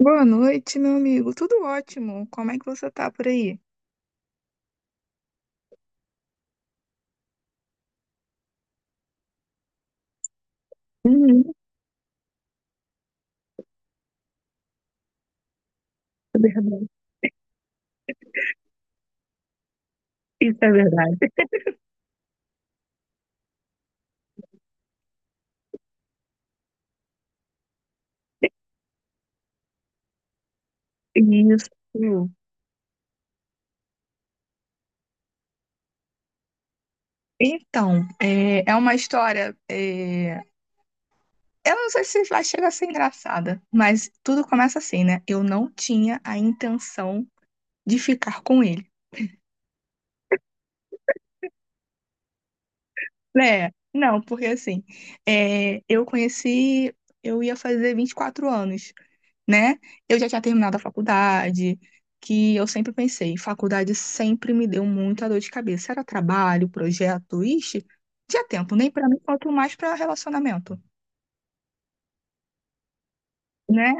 Boa noite, meu amigo. Tudo ótimo. Como é que você tá por aí? Uhum, isso é verdade. Isso. Então, é uma história. Eu não sei se vai chegar a ser engraçada, mas tudo começa assim, né? Eu não tinha a intenção de ficar com ele. Né? Não, porque assim, eu conheci. Eu ia fazer 24 anos, né? Eu já tinha terminado a faculdade, que eu sempre pensei, faculdade sempre me deu muita dor de cabeça. Era trabalho, projeto, ixi, tinha tempo, nem pra mim, quanto mais pra relacionamento, né?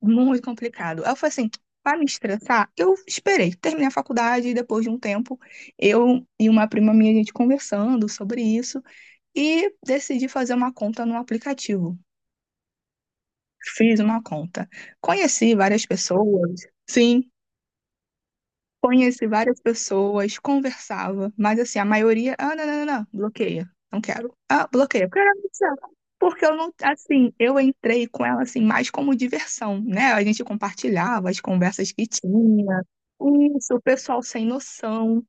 Muito complicado. Aí eu falei assim, pra me estressar, eu esperei, terminei a faculdade e depois de um tempo, eu e uma prima minha, a gente conversando sobre isso e decidi fazer uma conta no aplicativo. Fiz uma conta. Conheci várias pessoas. Sim. Conheci várias pessoas, conversava, mas assim, a maioria, ah, não, não, não, não, bloqueia, não quero. Ah, bloqueia, porque eu era muito sério. Porque eu não, assim, eu entrei com ela assim mais como diversão, né? A gente compartilhava as conversas que tinha. Isso, o pessoal sem noção,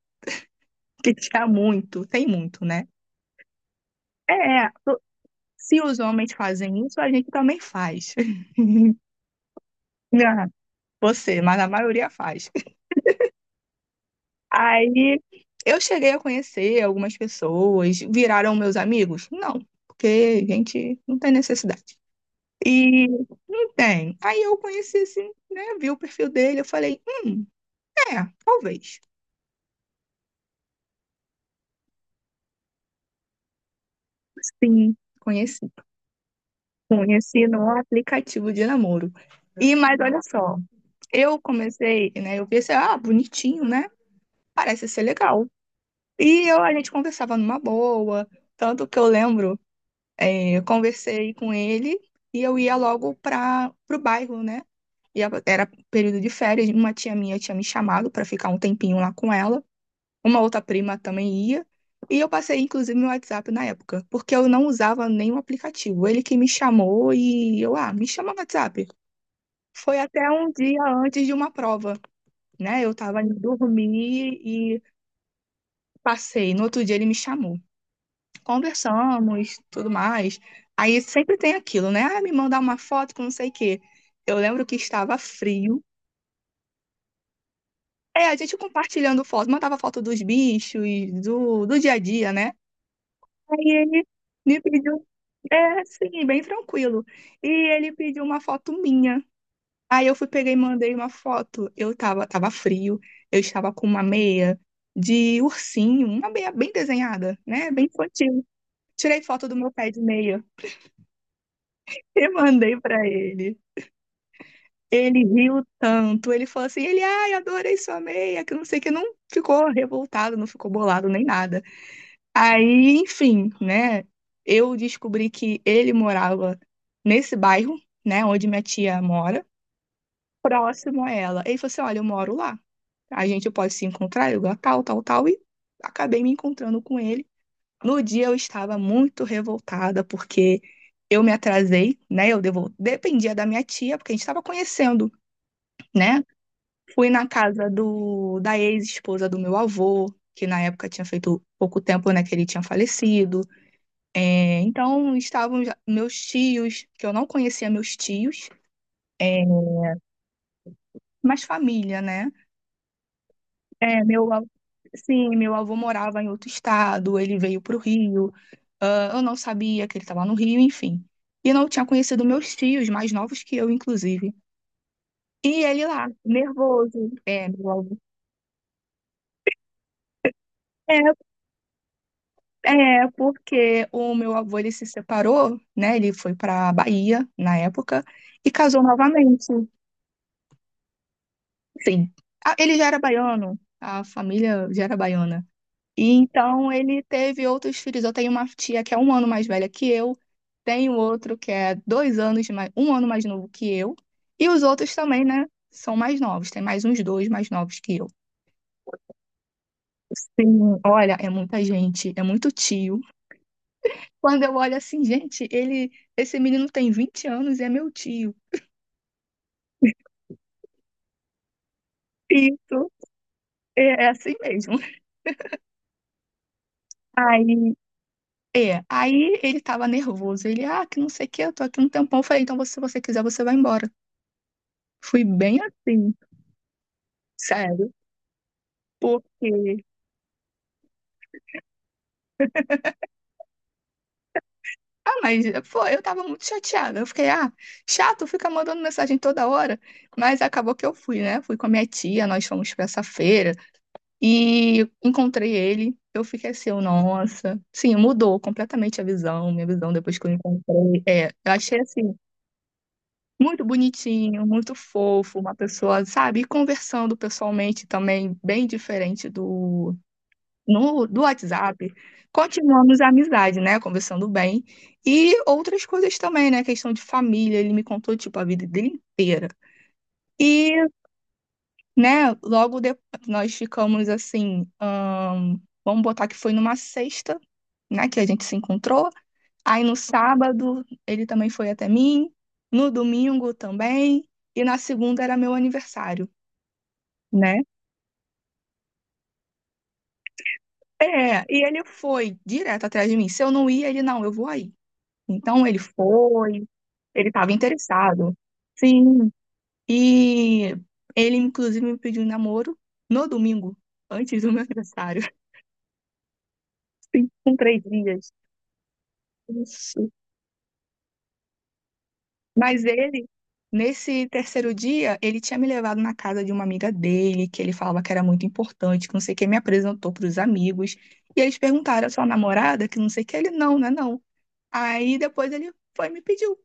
que tinha muito, tem muito, né? É, é, se os homens fazem isso, a gente também faz. Né? Você, mas a maioria faz. Aí eu cheguei a conhecer algumas pessoas, viraram meus amigos? Não, porque a gente não tem necessidade. E não tem. Aí eu conheci assim, né? Vi o perfil dele, eu falei, é, talvez. Sim, conheci. Conheci no aplicativo de namoro. Mas olha só, eu comecei, né? Eu pensei, ah, bonitinho, né? Parece ser legal. E eu, a gente conversava numa boa. Tanto que eu lembro. Eu conversei com ele e eu ia logo para o bairro, né? Era período de férias, uma tia minha tinha me chamado para ficar um tempinho lá com ela, uma outra prima também ia. E eu passei, inclusive, meu WhatsApp na época, porque eu não usava nenhum aplicativo. Ele que me chamou e eu, ah, me chama no WhatsApp. Foi até um dia antes de uma prova, né? Eu tava indo dormir e passei. No outro dia ele me chamou. Conversamos, tudo mais. Aí sempre tem aquilo, né? Ah, me mandar uma foto com não sei o quê. Eu lembro que estava frio. É, a gente compartilhando foto, mandava foto dos bichos, do dia a dia, né? Aí ele me pediu, é, sim, bem tranquilo. E ele pediu uma foto minha. Aí eu fui, peguei e mandei uma foto. Eu tava frio, eu estava com uma meia de ursinho, uma meia bem desenhada, né? Bem infantil. Tirei foto do meu pé de meia. Eu mandei pra ele. Ele riu tanto. Ele falou assim: ele, ai, adorei sua meia, que não sei o que. Não ficou revoltado, não ficou bolado nem nada. Aí, enfim, né? Eu descobri que ele morava nesse bairro, né, onde minha tia mora, próximo a ela. Ele falou assim: olha, eu moro lá. A gente pode se encontrar, eu lugar tal, tal, tal. E acabei me encontrando com ele. No dia eu estava muito revoltada porque eu me atrasei, né? Dependia da minha tia, porque a gente estava conhecendo, né? Fui na casa da ex-esposa do meu avô, que na época tinha feito pouco tempo, né, que ele tinha falecido. É, então estavam meus tios, que eu não conhecia meus tios, é... mas família, né? É, meu, av- sim, meu avô morava em outro estado, ele veio para o Rio, ah, eu não sabia que ele estava no Rio, enfim. E não tinha conhecido meus tios, mais novos que eu, inclusive. E ele lá, nervoso. É, meu avô. É, porque o meu avô, ele se separou, né? Ele foi para Bahia, na época, e casou novamente. Sim, ah, ele já era baiano, a família já era baiana. E então ele teve outros filhos. Eu tenho uma tia que é um ano mais velha que eu, tenho outro que é 2 anos, mais, um ano mais novo que eu, e os outros também, né? São mais novos, tem mais uns dois mais novos que eu. Sim, olha, é muita gente, é muito tio. Quando eu olho assim, gente, ele, esse menino tem 20 anos e é meu tio. Isso, é assim mesmo. Aí, aí ele tava nervoso. Ele, ah, que não sei o que, eu tô aqui um tempão. Eu falei, então, se você quiser, você vai embora. Fui bem assim. Sério, porque. Ah, mas pô, eu tava muito chateada. Eu fiquei, ah, chato, fica mandando mensagem toda hora. Mas acabou que eu fui, né? Fui com a minha tia, nós fomos pra essa feira e encontrei ele. Eu fiquei assim, eu, nossa. Sim, mudou completamente a visão, minha visão depois que eu encontrei. É, eu achei assim, muito bonitinho, muito fofo, uma pessoa, sabe? E conversando pessoalmente também, bem diferente do no, do WhatsApp, continuamos a amizade, né? Conversando bem. E outras coisas também, né? Questão de família, ele me contou, tipo, a vida dele inteira. E, né, logo depois nós ficamos assim, vamos botar que foi numa sexta, né, que a gente se encontrou. Aí no sábado ele também foi até mim, no domingo também, e na segunda era meu aniversário, né? É, e ele foi direto atrás de mim. Se eu não ia, ele não, eu vou aí. Então ele foi, ele estava interessado. Sim. E ele, inclusive, me pediu em namoro no domingo, antes do meu aniversário. Sim, com 3 dias. Isso. Mas ele, nesse terceiro dia, ele tinha me levado na casa de uma amiga dele, que ele falava que era muito importante, que não sei o que, me apresentou para os amigos. E eles perguntaram, a sua namorada? Que não sei o que. Ele, não, né, não. Aí depois ele foi e me pediu.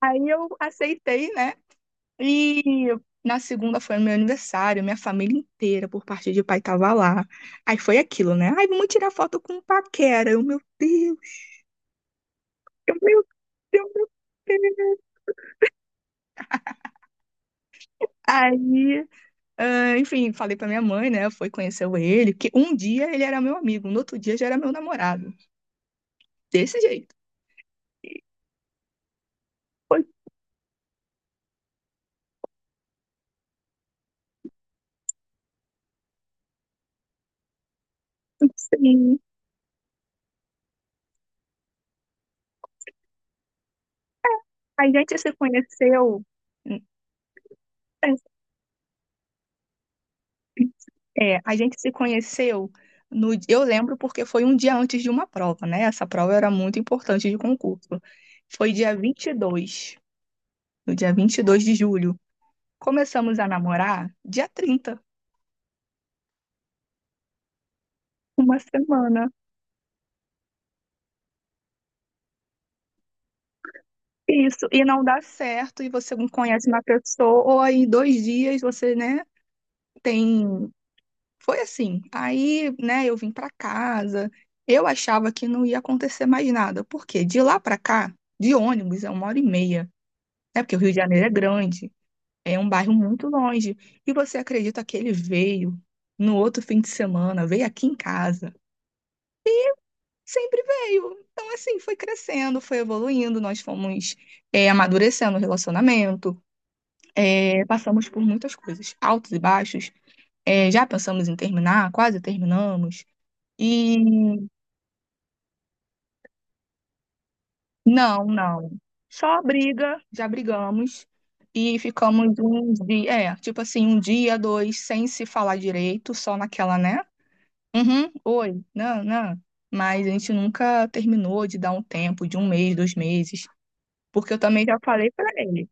Aí eu aceitei, né? E na segunda foi meu aniversário, minha família inteira, por parte de pai, tava lá. Aí foi aquilo, né? Ai, vamos tirar foto com o Paquera. Eu, meu Deus, meu Deus. Aí, ah, enfim, falei pra minha mãe, né? Foi conhecer ele, que um dia ele era meu amigo, no outro dia já era meu namorado. Desse jeito. Sim. A gente se conheceu. É, a gente se conheceu no, eu lembro porque foi um dia antes de uma prova, né? Essa prova era muito importante de concurso. Foi dia 22, no dia 22 de julho. Começamos a namorar dia 30, uma semana. Isso, e não dá certo, e você não conhece uma pessoa, ou aí em 2 dias você, né, tem. Foi assim. Aí, né, eu vim pra casa, eu achava que não ia acontecer mais nada, porque de lá pra cá, de ônibus, é uma hora e meia. É porque o Rio de Janeiro é grande, é um bairro muito longe. E você acredita que ele veio no outro fim de semana, veio aqui em casa? Sempre veio. Então, assim, foi crescendo, foi evoluindo, nós fomos amadurecendo o relacionamento, é, passamos por muitas coisas, altos e baixos. É, já pensamos em terminar, quase terminamos. E não, não. Só briga, já brigamos e ficamos um dia, é, tipo assim, um dia, dois, sem se falar direito, só naquela, né? Uhum, oi, não, não. Mas a gente nunca terminou de dar um tempo, de um mês, 2 meses, porque eu também já falei pra ele.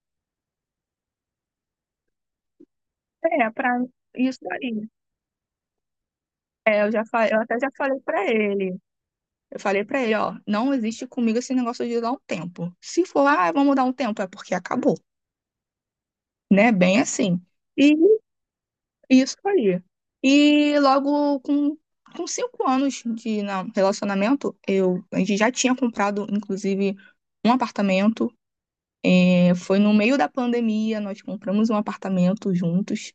É, pra isso aí. É, eu já falei, eu até já falei pra ele. Eu falei pra ele, ó, não existe comigo esse negócio de dar um tempo. Se for, ah, vamos dar um tempo, é porque acabou, né? Bem assim. E isso aí. E logo com 5 anos de relacionamento, eu, a gente já tinha comprado, inclusive, um apartamento. É, foi no meio da pandemia, nós compramos um apartamento juntos.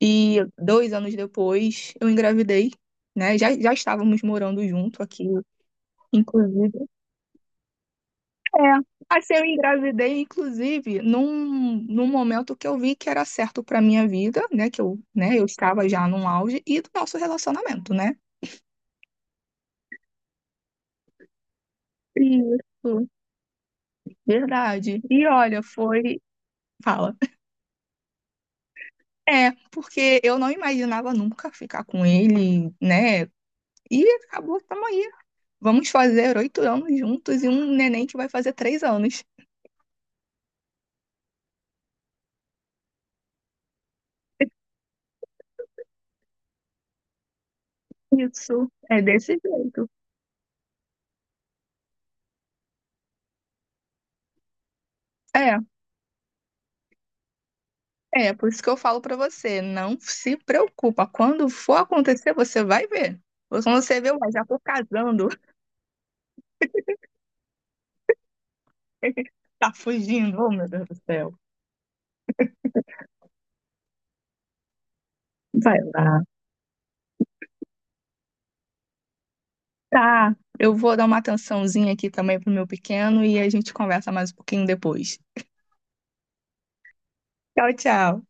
E 2 anos depois, eu engravidei, né? Já estávamos morando junto aqui, inclusive. É, assim, eu engravidei, inclusive, num momento que eu vi que era certo para minha vida, né? Que eu, né, eu estava já num auge e do nosso relacionamento, né? Isso, verdade. E olha, foi. Fala. É, porque eu não imaginava nunca ficar com ele, né? E acabou, tamo aí. Vamos fazer 8 anos juntos e um neném que vai fazer 3 anos. Isso, é desse jeito. É, por isso que eu falo pra você, não se preocupa. Quando for acontecer, você vai ver. Quando você vê, ué, já tô casando, tá fugindo, oh meu Deus do céu. Vai lá. Tá, eu vou dar uma atençãozinha aqui também pro meu pequeno e a gente conversa mais um pouquinho depois. Tchau, tchau.